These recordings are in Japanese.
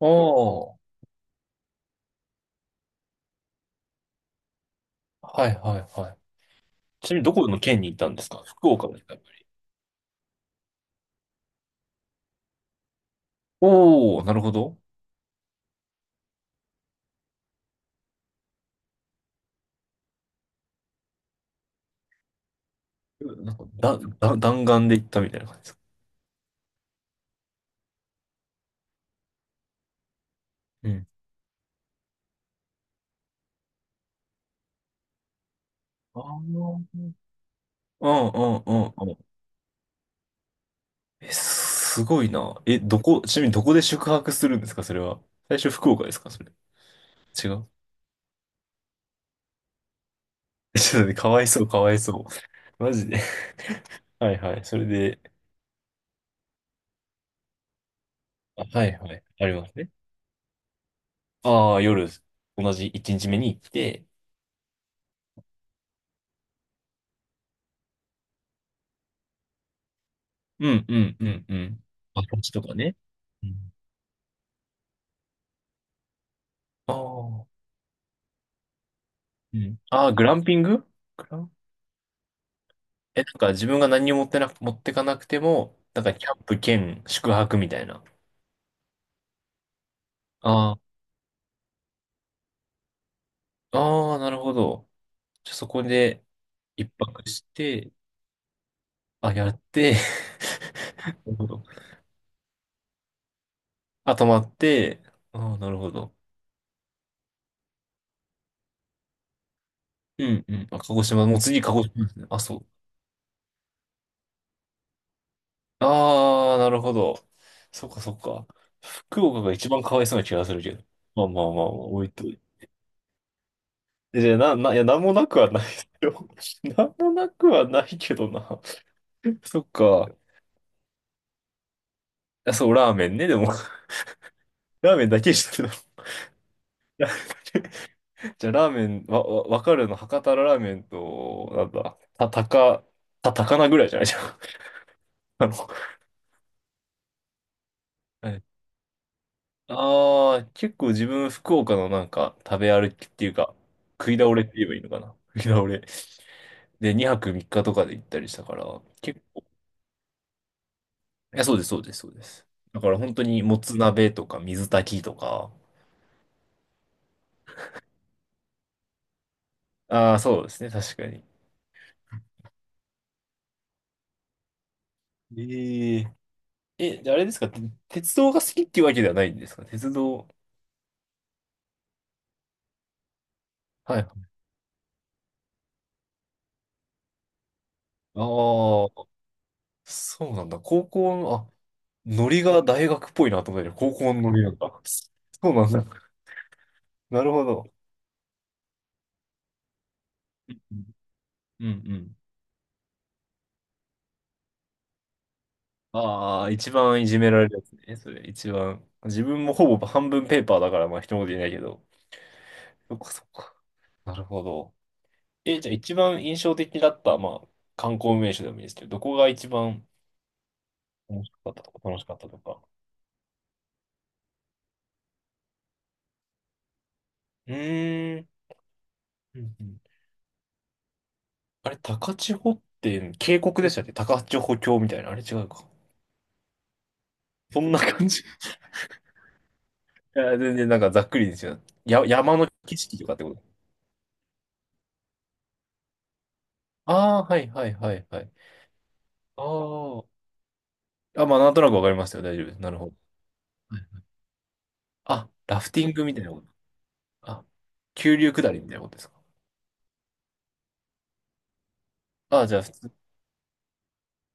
おー、はいはいはい。ちなみにどこの県に行ったんですか、福岡ですか、やっぱり。おー、なるほど。なんか、弾丸で行ったみたいな感じですか。うん。あー、うんうんうんうん。え、すごいな。え、どこ、ちなみにどこで宿泊するんですか、それは。最初福岡ですか、それ。違う。ちょっとね、かわいそう、かわいそう。マジで。はいはい。それで、あ、はいはい。ありますね。ああ、夜、同じ1日目に行って、うんうんうんうん。あ、こっちとかね。ああ。うん。ああ、グランピング、グラン、え、なんか自分が何にも持ってなく、持ってかなくても、なんかキャンプ兼宿泊みたいな。ああ、ああ、なるほど。じゃあそこで一泊して、あ、やって、なるほど。あ、泊まって、ああ、なるほど。うんうん。あ、鹿児島、もう次鹿児島ですね。あ、そう。ああ、なるほど。そっかそっか。福岡が一番かわいそうな気がするけど。まあまあまあ、置いと、いや、いや、なんもなくはないですよ。なんもなくはないけどな。そっか。あ、そう、ラーメンね、でも。ラーメンだけしてたんだね。じゃあ、ラーメン、わかるの、博多ラーメンと、なんだ、た、たか、た、高菜ぐらいじゃないじゃん。あの、はい。ああ、結構自分、福岡のなんか、食べ歩きっていうか、食い倒れって言えばいいのかな。食い倒れ。で、2泊3日とかで行ったりしたから、結構、いや、そうです、そうです、そうです。だから本当に、もつ鍋とか、水炊きとか、ああ、そうですね、確かに。え、ええ、じゃああれですか、て、鉄道が好きっていうわけではないんですか、鉄道。はい。ああ、そうなんだ。高校の、あ、ノリが大学っぽいなと思ったけど、高校のノリなんだ。そうなんだ。なるほど。うんうん。ああ、一番いじめられるやつね、それ、一番。自分もほぼ半分ペーパーだから、まあ、一言言えないけど。そっかそっか。なるほど。え、じゃあ一番印象的だった、まあ、観光名所でもいいですけど、どこが一番楽しかったとか、楽しかったとか。うーん。うんうん。あれ、高千穂って渓谷でしたっけ、高千穂峡みたいな。あれ違うか。そんな感じ。いや、全然なんかざっくりですよ。や、山の景色とかってこと。ああー、はいはいはいはい。ああ。あ、まあ、なんとなくわかりますよ。大丈夫です。なるほど。はい。あ、ラフティングみたいなこと。あ、急流下りみたいなことですか。ああ、じゃあ普通。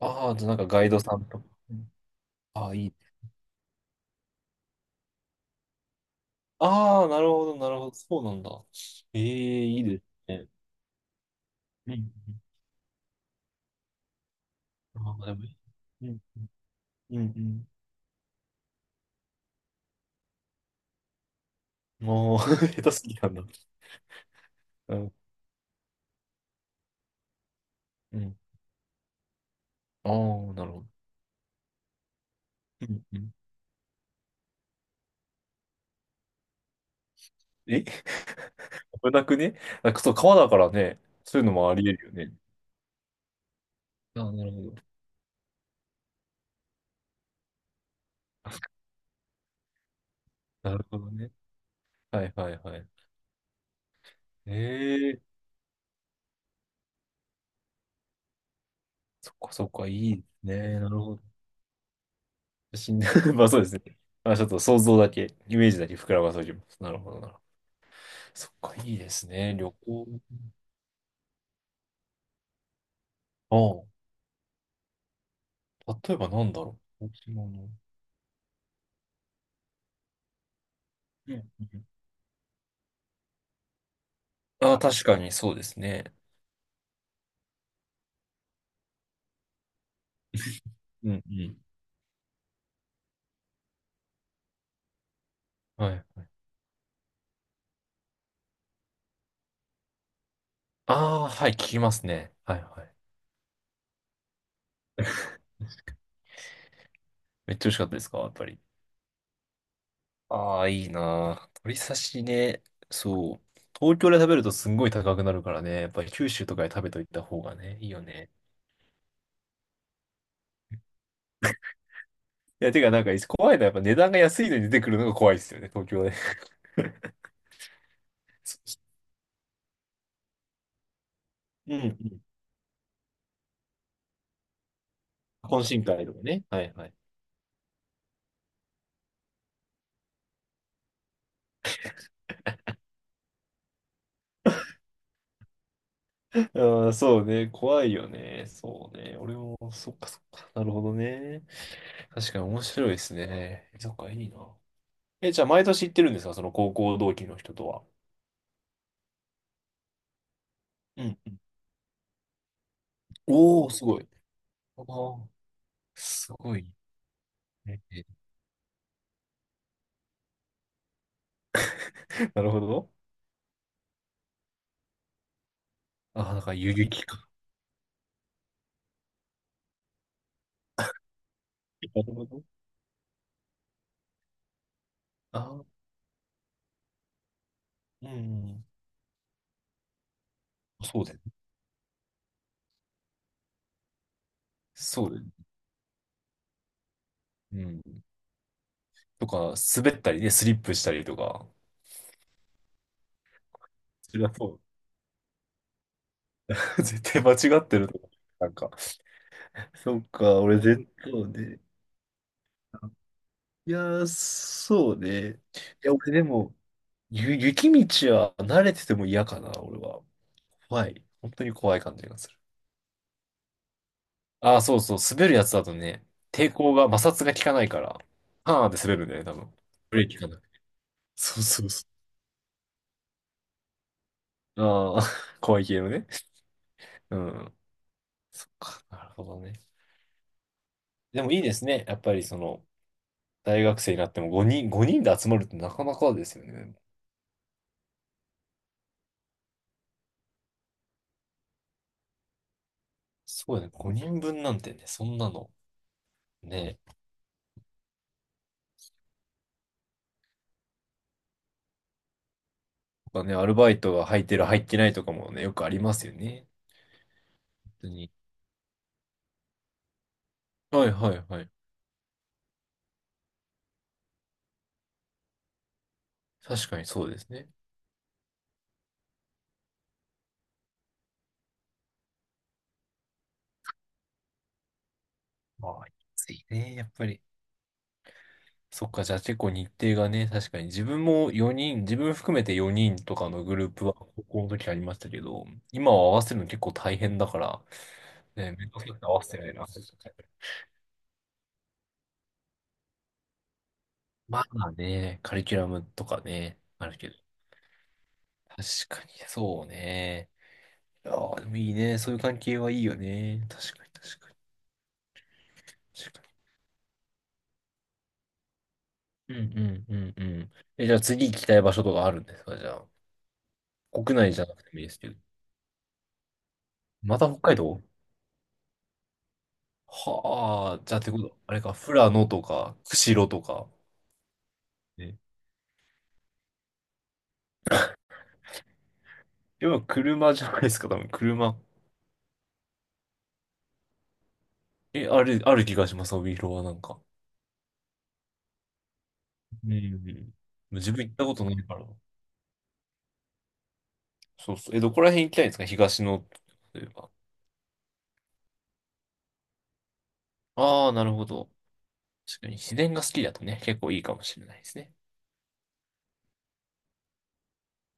ああ、じゃあなんかガイドさんとか。ああ、いい。ああ、なるほど、なるほど。そうなんだ。ええ、いいですね。うん。ああ、でもいい、うん、うん、うん。ああ、下手すぎなんだ。うん、うん。ああ、なるほど。うんうん、え。 危なくね。あ、そう、川だからね、そういうのもあり得るよね。ああ、なるほど。なるほどね。はいはいはい。ええ。そっかそっか、いいですね。なるほど。死んだ。 まあそうですね。まあちょっと想像だけ、イメージだけ膨らませておきます。なるほどなるほど。そっか、いいですね、旅行。ああ、例えばなんだろう、沖縄の。うんうん。ああ、確かにそうですね。うんうん。はい。はい。ああ、はい、聞きますね。はいはい。めっちゃ美味しかったですか、やっぱり。ああ、いいなー。鶏刺しね。そう。東京で食べるとすんごい高くなるからね。やっぱり九州とかで食べといた方がね、いいよね。いや、てかなんか怖いのはやっぱ値段が安いのに出てくるのが怖いですよね、東京で。うんうん。懇親会とかね。はいはい。ああ、そうね。怖いよね。そうね。俺も、そっかそっか。なるほどね。確かに面白いですね。そっか、いいな。え、じゃあ毎年行ってるんですか、その高校同期の人とは。うんうん。おお、すごい。ああ、すごいね。なるほど。ああ、だから遊撃か。なるほど。ああ、うん。そうだよね。そうだよね。うん。とか、滑ったりね、スリップしたりとか。そりゃそう。絶対間違ってるとか。なんか。そっか、俺絶対そうね。いやー、そうね。いや、俺でも、ゆ、雪道は慣れてても嫌かな、俺は。怖い。本当に怖い感じがする。ああ、そうそう、滑るやつだとね、抵抗が、摩擦が効かないから、パーンって滑るんだよね、多分。ブレーキ効かない。そうそうそう。ああ、怖い系のね。うん。そっか、なるほどね。でもいいですね。やっぱりその、大学生になっても5人で集まるってなかなかですよね。そうだね、5人分なんてね、そんなの、ね、ぱね、アルバイトが入ってる入ってないとかもね、よくありますよね。本当に。はいはいはい。確かにそうですね。まあ、ついね、やっぱり。そっか、じゃあ結構日程がね、確かに自分も4人、自分含めて4人とかのグループは高校の時ありましたけど、今は合わせるの結構大変だから、ね、面倒くさくて合わせてないな。まあね、カリキュラムとかね、あるけど。確かに、そうね。ああ、でもいいね。そういう関係はいいよね。確かに、確かに。確かに、うんうんうんうん。え、じゃあ次行きたい場所とかあるんですか、じゃあ。国内じゃなくてもいいですけど。また北海道。はあ、じゃあってこと、あれか、富良野とか、釧路とか。ね。でも車じゃないですか、多分車。え、ある、ある気がします、帯広はなんか。うんうん。自分行ったことないから。そうそう。え、どこら辺行きたいんですか、東の、例えば。ああ、なるほど。確かに自然が好きだとね、結構いいかもしれないですね。